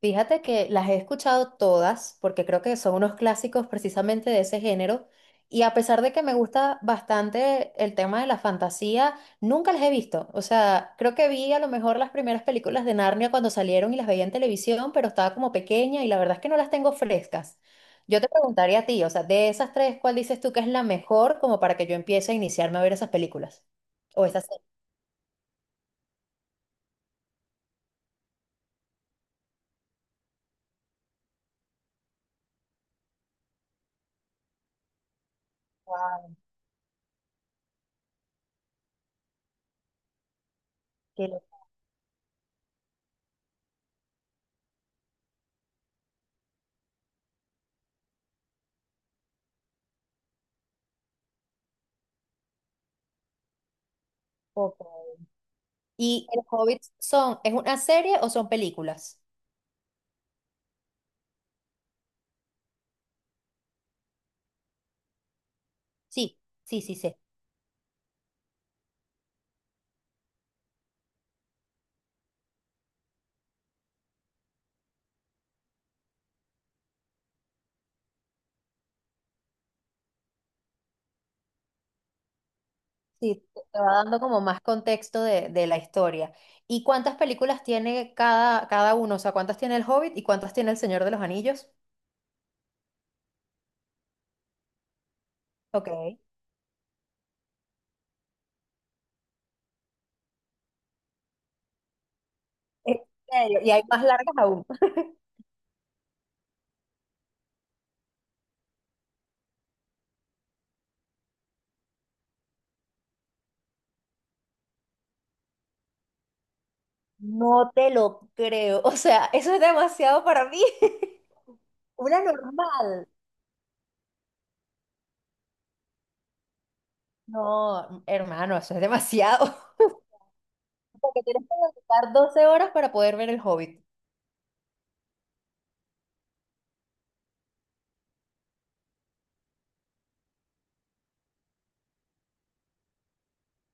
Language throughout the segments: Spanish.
Fíjate que las he escuchado todas, porque creo que son unos clásicos precisamente de ese género, y a pesar de que me gusta bastante el tema de la fantasía, nunca las he visto. O sea, creo que vi a lo mejor las primeras películas de Narnia cuando salieron y las veía en televisión, pero estaba como pequeña y la verdad es que no las tengo frescas. Yo te preguntaría a ti, o sea, de esas tres, ¿cuál dices tú que es la mejor como para que yo empiece a iniciarme a ver esas películas? O esas series. Wow, qué loco. ¿Y El Hobbit son, es una serie o son películas? Sí, sí, sí, sé. Sí, te va dando como más contexto de la historia. ¿Y cuántas películas tiene cada, cada uno? O sea, ¿cuántas tiene El Hobbit y cuántas tiene El Señor de los Anillos? Ok. En serio, y hay más largas aún. No te lo creo. O sea, eso es demasiado para mí. Una normal. No, hermano, eso es demasiado. Porque tienes que dedicar 12 horas para poder ver El Hobbit.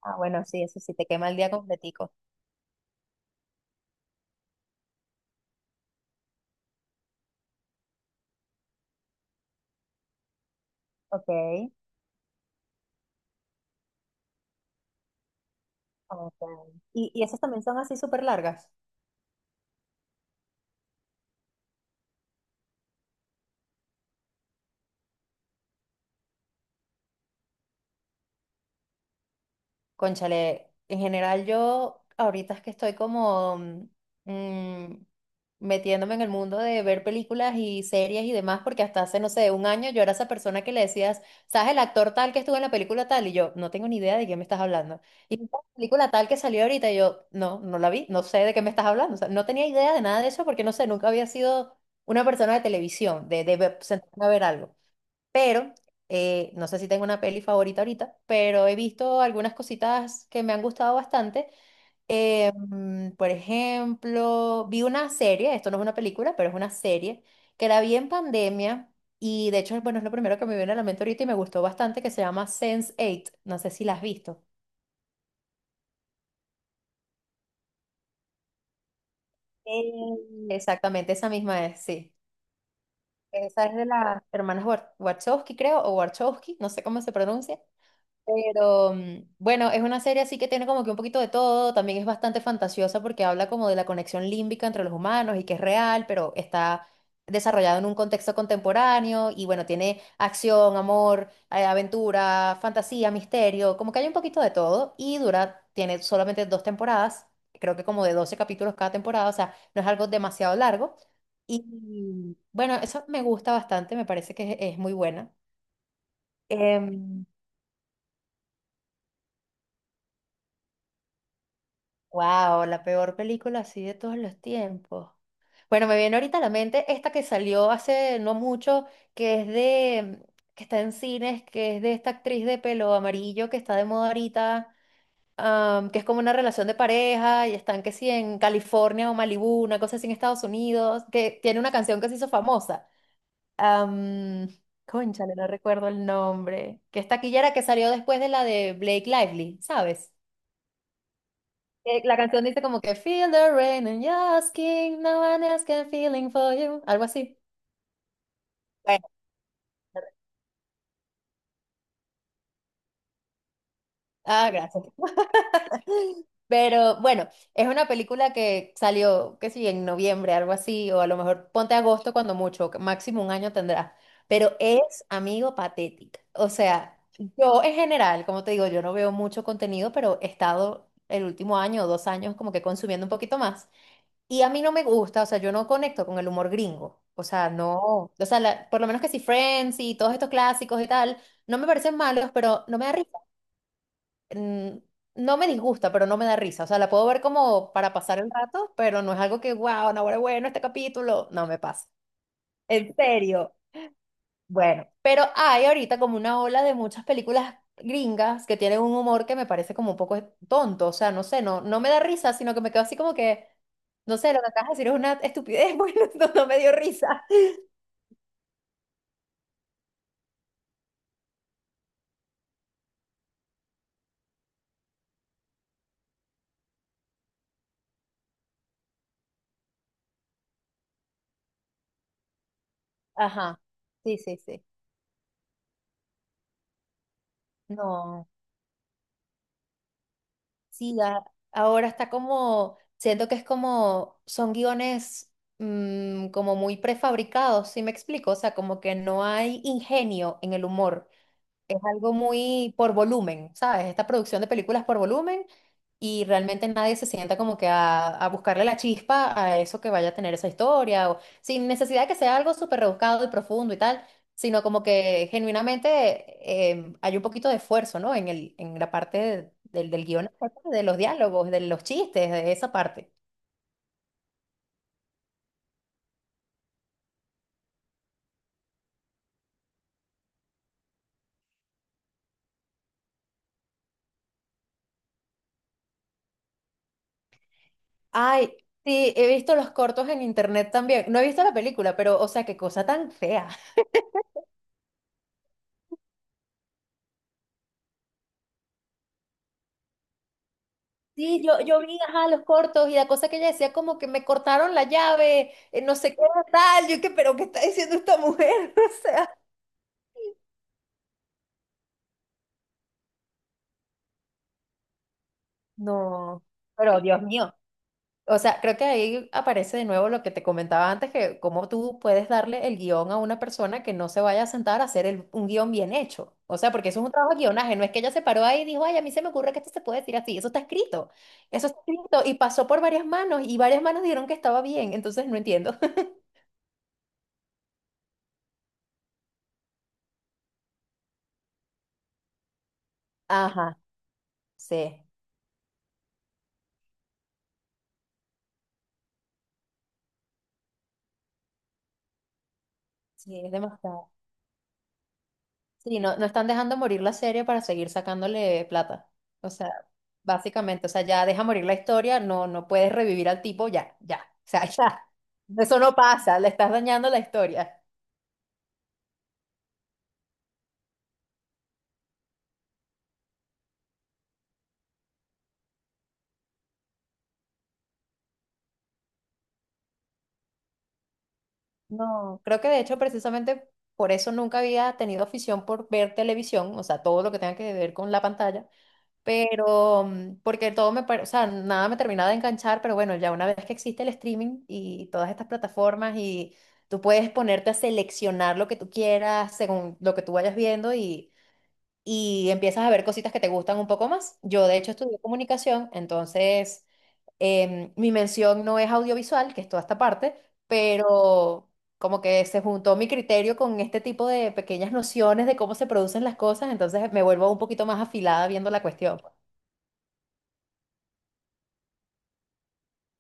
Ah, bueno, sí, eso sí, te quema el día completico. Ok. Ok. Y esas también son así súper largas? Cónchale, en general yo ahorita es que estoy como mm, metiéndome en el mundo de ver películas y series y demás, porque hasta hace, no sé, un año yo era esa persona que le decías, ¿sabes el actor tal que estuvo en la película tal? Y yo, no tengo ni idea de quién me estás hablando. Y la película tal que salió ahorita, y yo, no, no la vi, no sé de qué me estás hablando. O sea, no tenía idea de nada de eso porque, no sé, nunca había sido una persona de televisión, de sentarme a ver algo. Pero no sé si tengo una peli favorita ahorita, pero he visto algunas cositas que me han gustado bastante. Por ejemplo, vi una serie, esto no es una película, pero es una serie, que la vi en pandemia y de hecho, bueno, es lo primero que me viene a la mente ahorita y me gustó bastante, que se llama sense Eight. No sé si la has visto. Eh, Exactamente, esa misma es, sí. Esa es de las hermanas Wachowski, creo, o Warchowski, no sé cómo se pronuncia. Pero bueno, es una serie así que tiene como que un poquito de todo, también es bastante fantasiosa porque habla como de la conexión límbica entre los humanos y que es real, pero está desarrollado en un contexto contemporáneo y bueno, tiene acción, amor, aventura, fantasía, misterio, como que hay un poquito de todo y dura, tiene solamente 2 temporadas, creo que como de 12 capítulos cada temporada, o sea, no es algo demasiado largo. Y bueno, eso me gusta bastante, me parece que es muy buena. Em, Wow, la peor película así de todos los tiempos. Bueno, me viene ahorita a la mente esta que salió hace no mucho, que es de, que está en cines, que es de esta actriz de pelo amarillo que está de moda ahorita, que es como una relación de pareja y están que sí en California o Malibú, una cosa así en Estados Unidos, que tiene una canción que se hizo famosa. Um, cónchale, no recuerdo el nombre. Que es taquillera que salió después de la de Blake Lively, ¿sabes? La canción dice como que Feel the rain and you're asking, no one else can feeling for you, algo así. Bueno, ah, gracias. Pero bueno, es una película que salió, qué sé yo, en noviembre, algo así, o a lo mejor ponte agosto cuando mucho, que máximo un año tendrá. Pero es, amigo, patética. O sea, yo en general, como te digo, yo no veo mucho contenido, pero he estado el último año o dos años como que consumiendo un poquito más. Y a mí no me gusta, o sea, yo no conecto con el humor gringo. O sea, no, o sea, por lo menos que si Friends y todos estos clásicos y tal, no me parecen malos, pero no me da risa. Mm, No me disgusta, pero no me da risa. O sea, la puedo ver como para pasar el rato, pero no es algo que, wow, no, bueno, bueno, este capítulo, no me pasa. En serio. Bueno, pero hay ahorita como una ola de muchas películas gringas que tienen un humor que me parece como un poco tonto, o sea, no sé, no, no me da risa, sino que me quedo así como que, no sé, lo que acabas de decir es una estupidez, bueno, no, no me dio risa. Ajá, sí, sí, sí. No, sí, ahora está como, siento que es como, son guiones como muy prefabricados, ¿sí me explico? O sea, como que no hay ingenio en el humor. Es algo muy por volumen, ¿sabes? Esta producción de películas por volumen y realmente nadie se sienta como que a buscarle la chispa a eso que vaya a tener esa historia, o sin necesidad de que sea algo súper rebuscado y profundo y tal, sino como que genuinamente hay un poquito de esfuerzo, ¿no? En el, en la parte del, del guión, de los diálogos, de los chistes, de esa parte. Ay, sí, he visto los cortos en internet también. No he visto la película, pero, o sea, qué cosa tan fea. Sí, yo vi, ajá, los cortos y la cosa que ella decía como que me cortaron la llave, no sé qué tal, yo que, pero ¿qué está diciendo esta mujer? O sea, no, pero Dios mío. O sea, creo que ahí aparece de nuevo lo que te comentaba antes, que cómo tú puedes darle el guión a una persona que no se vaya a sentar a hacer un guión bien hecho. O sea, porque eso es un trabajo de guionaje, no es que ella se paró ahí y dijo, ay, a mí se me ocurre que esto se puede decir así, eso está escrito y pasó por varias manos y varias manos dijeron que estaba bien, entonces no entiendo. Ajá, sí. Sí, es demasiado. Sí, no, no están dejando morir la serie para seguir sacándole plata. O sea, básicamente, o sea, ya deja morir la historia, no, no puedes revivir al tipo, ya, ya. O sea, ya. Eso no pasa, le estás dañando la historia. No, creo que de hecho precisamente por eso nunca había tenido afición por ver televisión, o sea, todo lo que tenga que ver con la pantalla, pero, porque todo me, o sea, nada me terminaba de enganchar, pero bueno, ya una vez que existe el streaming y todas estas plataformas y tú puedes ponerte a seleccionar lo que tú quieras según lo que tú vayas viendo y empiezas a ver cositas que te gustan un poco más. Yo de hecho estudié comunicación, entonces mi mención no es audiovisual, que es toda esta parte, pero como que se juntó mi criterio con este tipo de pequeñas nociones de cómo se producen las cosas, entonces me vuelvo un poquito más afilada viendo la cuestión, pues.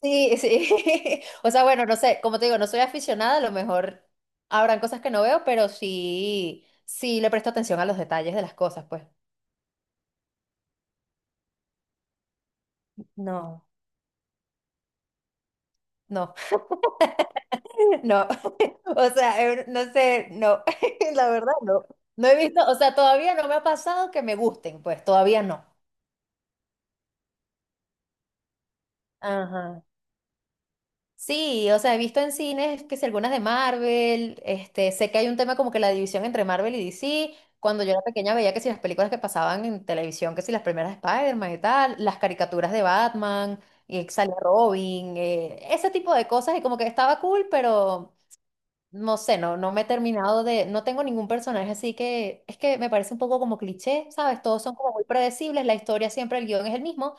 Sí, sí. O sea, bueno, no sé, como te digo, no soy aficionada, a lo mejor habrán cosas que no veo, pero sí, sí le presto atención a los detalles de las cosas, pues. No, no, no. O sea, no sé, no. La verdad, no. No he visto, o sea, todavía no me ha pasado que me gusten, pues, todavía no. Ajá. Sí, o sea, he visto en cines que si algunas de Marvel, este, sé que hay un tema como que la división entre Marvel y DC. Cuando yo era pequeña veía que si las películas que pasaban en televisión, que si las primeras de Spider-Man y tal, las caricaturas de Batman, y que sale Robin, ese tipo de cosas y como que estaba cool, pero no sé, no, no me he terminado de, no tengo ningún personaje así que es que me parece un poco como cliché, ¿sabes? Todos son como muy predecibles, la historia siempre, el guión es el mismo,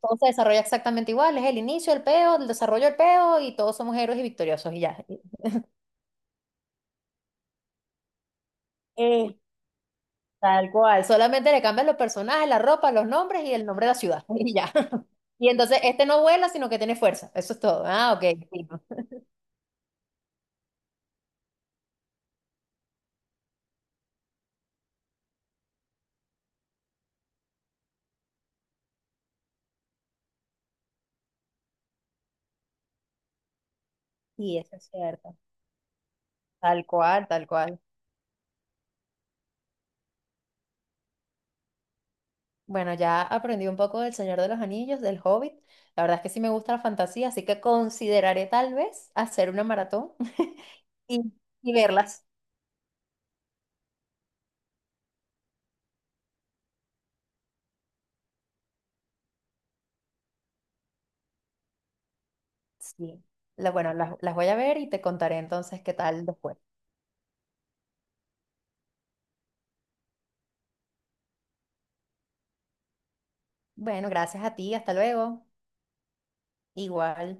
todo se desarrolla exactamente igual, es el inicio, el peo, el desarrollo, el peo, y todos somos héroes y victoriosos, y ya. Eh, Tal cual, solamente le cambian los personajes, la ropa, los nombres y el nombre de la ciudad, y ya. Y entonces este no vuela, sino que tiene fuerza, eso es todo. Ah, ok. Fino. Sí, eso es cierto. Tal cual, tal cual. Bueno, ya aprendí un poco del Señor de los Anillos, del Hobbit. La verdad es que sí me gusta la fantasía, así que consideraré tal vez hacer una maratón y, y verlas. Sí. Bueno, las voy a ver y te contaré entonces qué tal después. Bueno, gracias a ti, hasta luego. Igual.